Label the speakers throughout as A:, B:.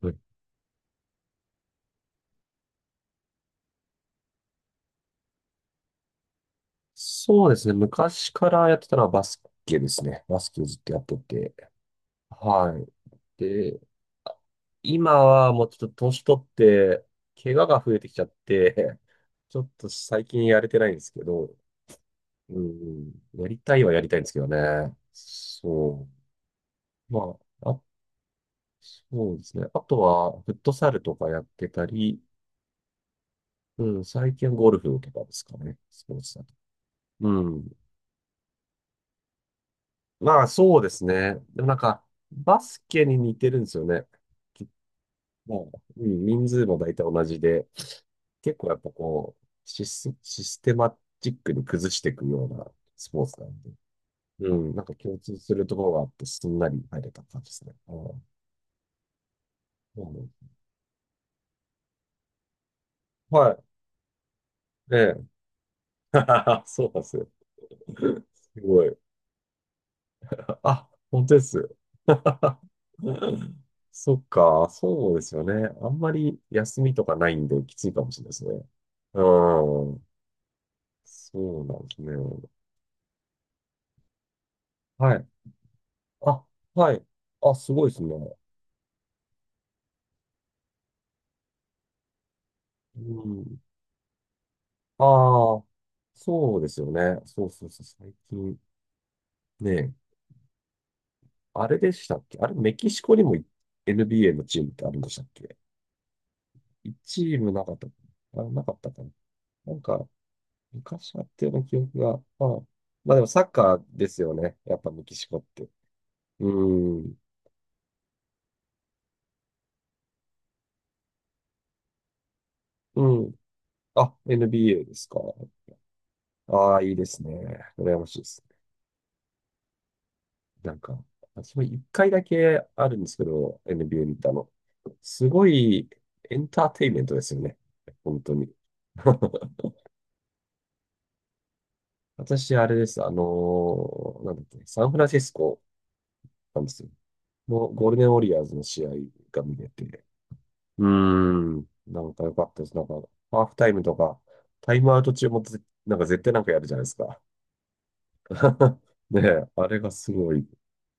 A: はい、そうですね。昔からやってたのはバスケですね。バスケをずっとやってて。はい。で、今はもうちょっと年取って、怪我が増えてきちゃって、ちょっと最近やれてないんですけど、うん、やりたいはやりたいんですけどね。そう。まあ、そうですね。あとは、フットサルとかやってたり、うん、最近はゴルフとかですかね。スポーツだと。うん。まあ、そうですね。でもなんか、バスケに似てるんですよね。きもう、うん、人数も大体同じで、結構やっぱこう、システマチックに崩していくようなスポーツなんで、うん、なんか共通するところがあって、すんなり入れた感じですね。うん、うん、はい。ええ。そうなんですよ。すごい。あ、本当です。そっか、そうですよね。あんまり休みとかないんできついかもしれないですね。うん。そうなんですね。はい。あ、はい。あ、すごいですね。うん。ああ、そうですよね。そうそうそう。最近ね、あれでしたっけ、あれ、メキシコにも NBA のチームってあるんでしたっけ？一チームなかったかなあ、なかったかな。なんか、昔やってる記憶が、まあでもサッカーですよね。やっぱメキシコって。うーん。うん。あ、NBA ですか。ああ、いいですね。羨ましいですね。なんか、私も一回だけあるんですけど、NBA 見たの。すごいエンターテインメントですよね。本当に。私、あれです。なんだっけ、サンフランシスコなんですよ。のゴールデンウォリアーズの試合が見れて、うーん。なんか良かったです。なんか、ハーフタイムとか、タイムアウト中もなんか絶対なんかやるじゃないですか。ねえ、あれがすごい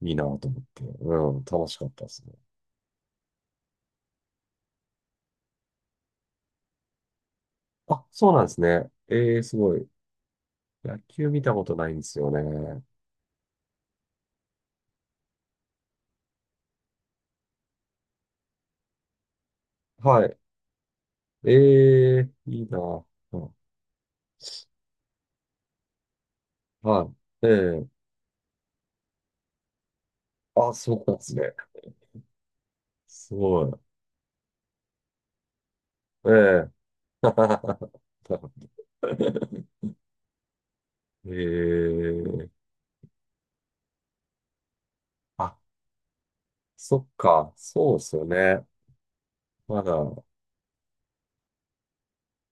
A: いいなと思って、うん、楽しかったですね。あ、そうなんですね。えー、すごい。野球見たことないんですよね。はい。えー、いいな。うん。はい。えー、あ、そうなんですね。すごい。えー。えー、そっか、そうっすよね。まだ、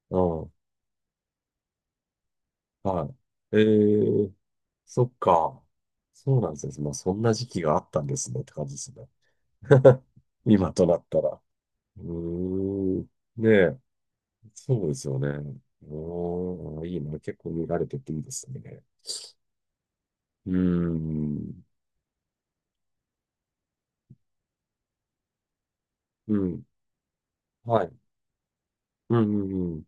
A: うん、はい。えー、そっか。そうなんですね。まあ、そんな時期があったんですねって感じですね。今となったら。うーん。ねえ、そうですよね。うーん、いいな。結構見られてていいですね。うーん。うん。はい。うん、うん、うん。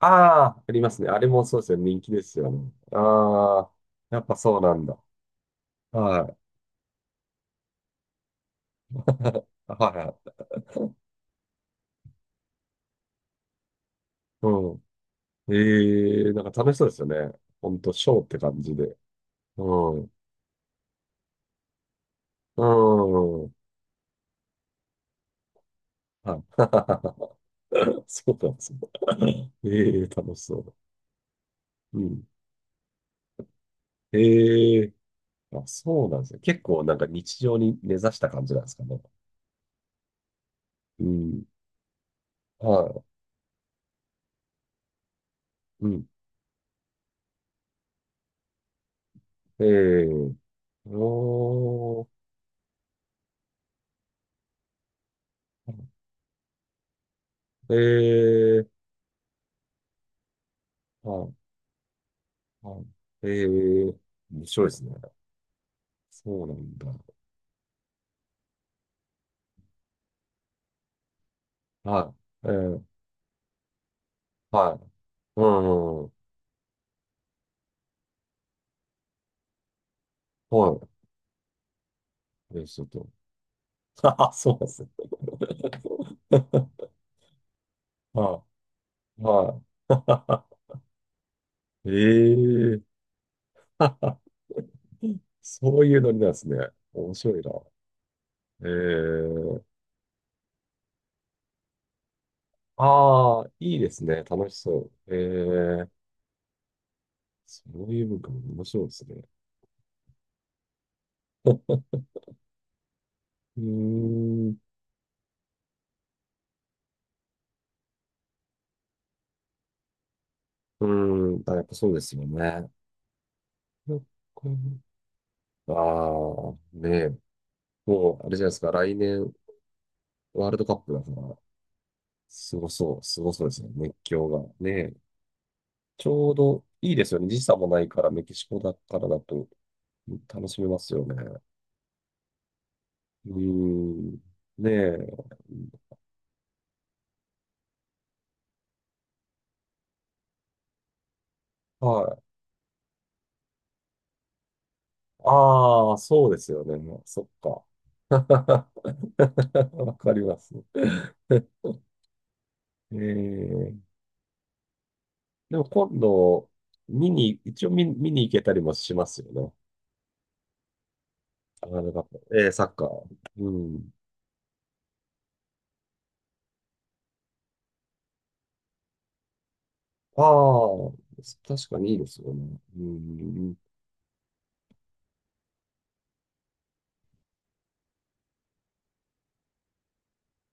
A: ああ、ありますね。あれもそうですよね。人気ですよね。ああ、やっぱそうなんだ。はい。はい。うん。ええ、なんか楽しそうですよね。ほんと、ショーって感じで。うん。うん。はい。そうなんですね。ええ、楽しそう。うん。ええ、あ、そうなんですね。結構なんか日常に根ざした感じなんですかね。うん。はい。うん。ええ、おー。ええ、はい。はい。ええ、面白いですね。そうなんだ。はい。ええ、はい。うん。はい。ええ、ちょっと、あ、そうですね。はい。はい。ええ。 そういうノリなんですね。面白いな。ええ、ああ、いいですね。楽しそう。ええ、そういう文化も面白いですね。うーん。うーん。あ、やっぱそうですよね。なんか、ああ、ねえ。もう、あれじゃないですか。来年、ワールドカップだから、すごそう、すごそうですね。熱狂が。ねえ。ちょうどいいですよね。時差もないから、メキシコだからだと楽しめますよね。うーん。ねえ。はい。ああ、そうですよね。そっか。わかります。えー、でも今度、見に、一応見に行けたりもしますよね。あの、なかえー、サッカー。うん。ああ、確かにいいですよね。うん。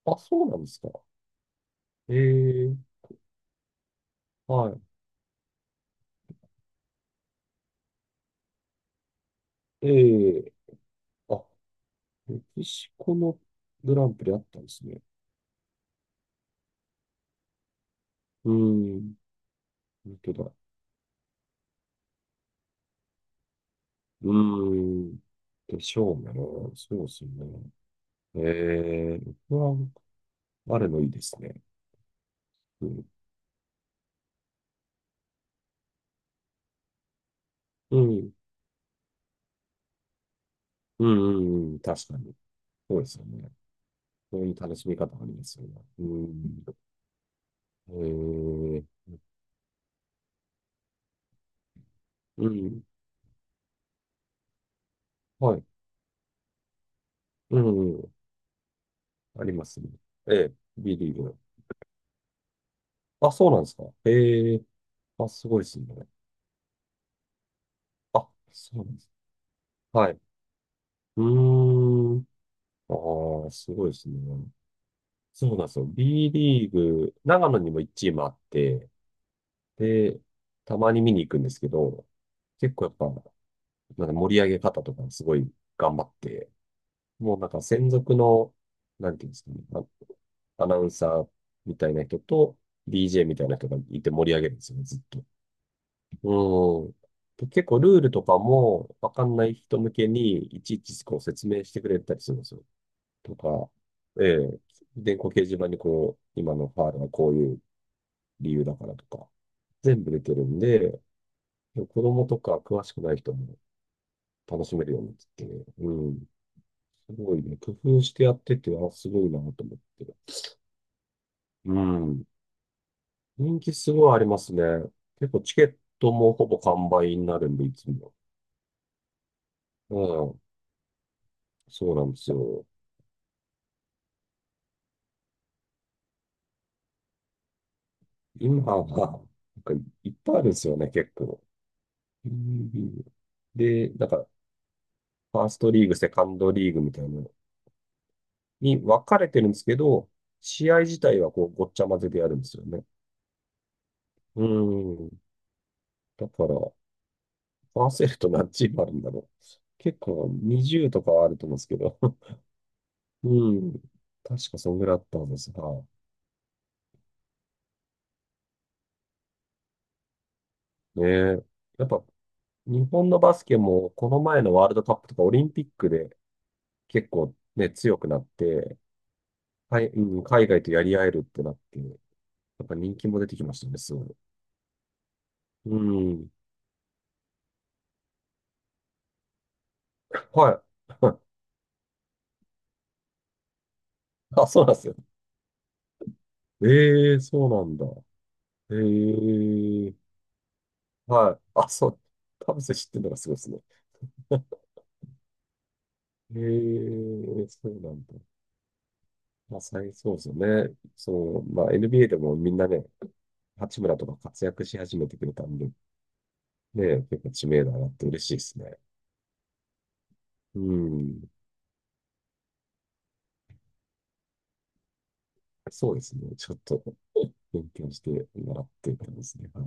A: あ、そうなんですか。ええ、はい。ええ、あ、メキシコのグランプリあったんですね。うーん。本当だ。うーん。でしょうね。そうですね。えー、僕は、あれのいいですね。うん。うん。うん。うんうん、確かに。そうですよね。そういう楽しみ方ありますよね。うん。えー、うん。はい。うん。うん、ありますね。ええ、B リーグ。あ、そうなんですか。ええ、あ、すごいですね。あ、そうなんです。はい。うーん。ああ、すごいですね。そうなんですよ。B リーグ、長野にも1チームあって、で、たまに見に行くんですけど、結構やっぱ、なんか盛り上げ方とかすごい頑張って、もうなんか専属の、なんていうんですかね、あ、アナウンサーみたいな人と DJ みたいな人がいて盛り上げるんですよね、ずっと。うん。で、結構ルールとかもわかんない人向けにいちいちこう説明してくれたりするんですよ。とか、ええ、電光掲示板にこう、今のファールはこういう理由だからとか、全部出てるんで、子供とか詳しくない人も楽しめるようになってて、うん、すごいね、工夫してやってて、あ、すごいなと思って。うん、人気すごいありますね。結構チケットもほぼ完売になるんで、いつも。うん、そうなんですよ。今は、なんかいっぱいあるんですよね、結構。うん。で、なんか、ファーストリーグ、セカンドリーグみたいなに分かれてるんですけど、試合自体はこうごっちゃ混ぜでやるんですよね。うーん。だから、パーセルと何チームあるんだろう。結構20とかはあると思うんですけど。うん。確かそんぐらいあったんですが。ねえ。やっぱ日本のバスケもこの前のワールドカップとかオリンピックで結構ね、強くなって、はい、うん、海外とやり合えるってなって、やっぱ人気も出てきましたね、すごい。うん。はい。あ、そうなんですよ。ええ、そうなんだ。ええ、はい。あ、そう。田臥知ってるのがすごいですね。ええ、そうなんだ。まあ、そうですよね。そう、まあ、NBA でもみんなね、八村とか活躍し始めてくれたんで、ね、結構知名度上がって嬉しいですね。うん。そうですね。ちょっと勉強してもらってたんですね。はい。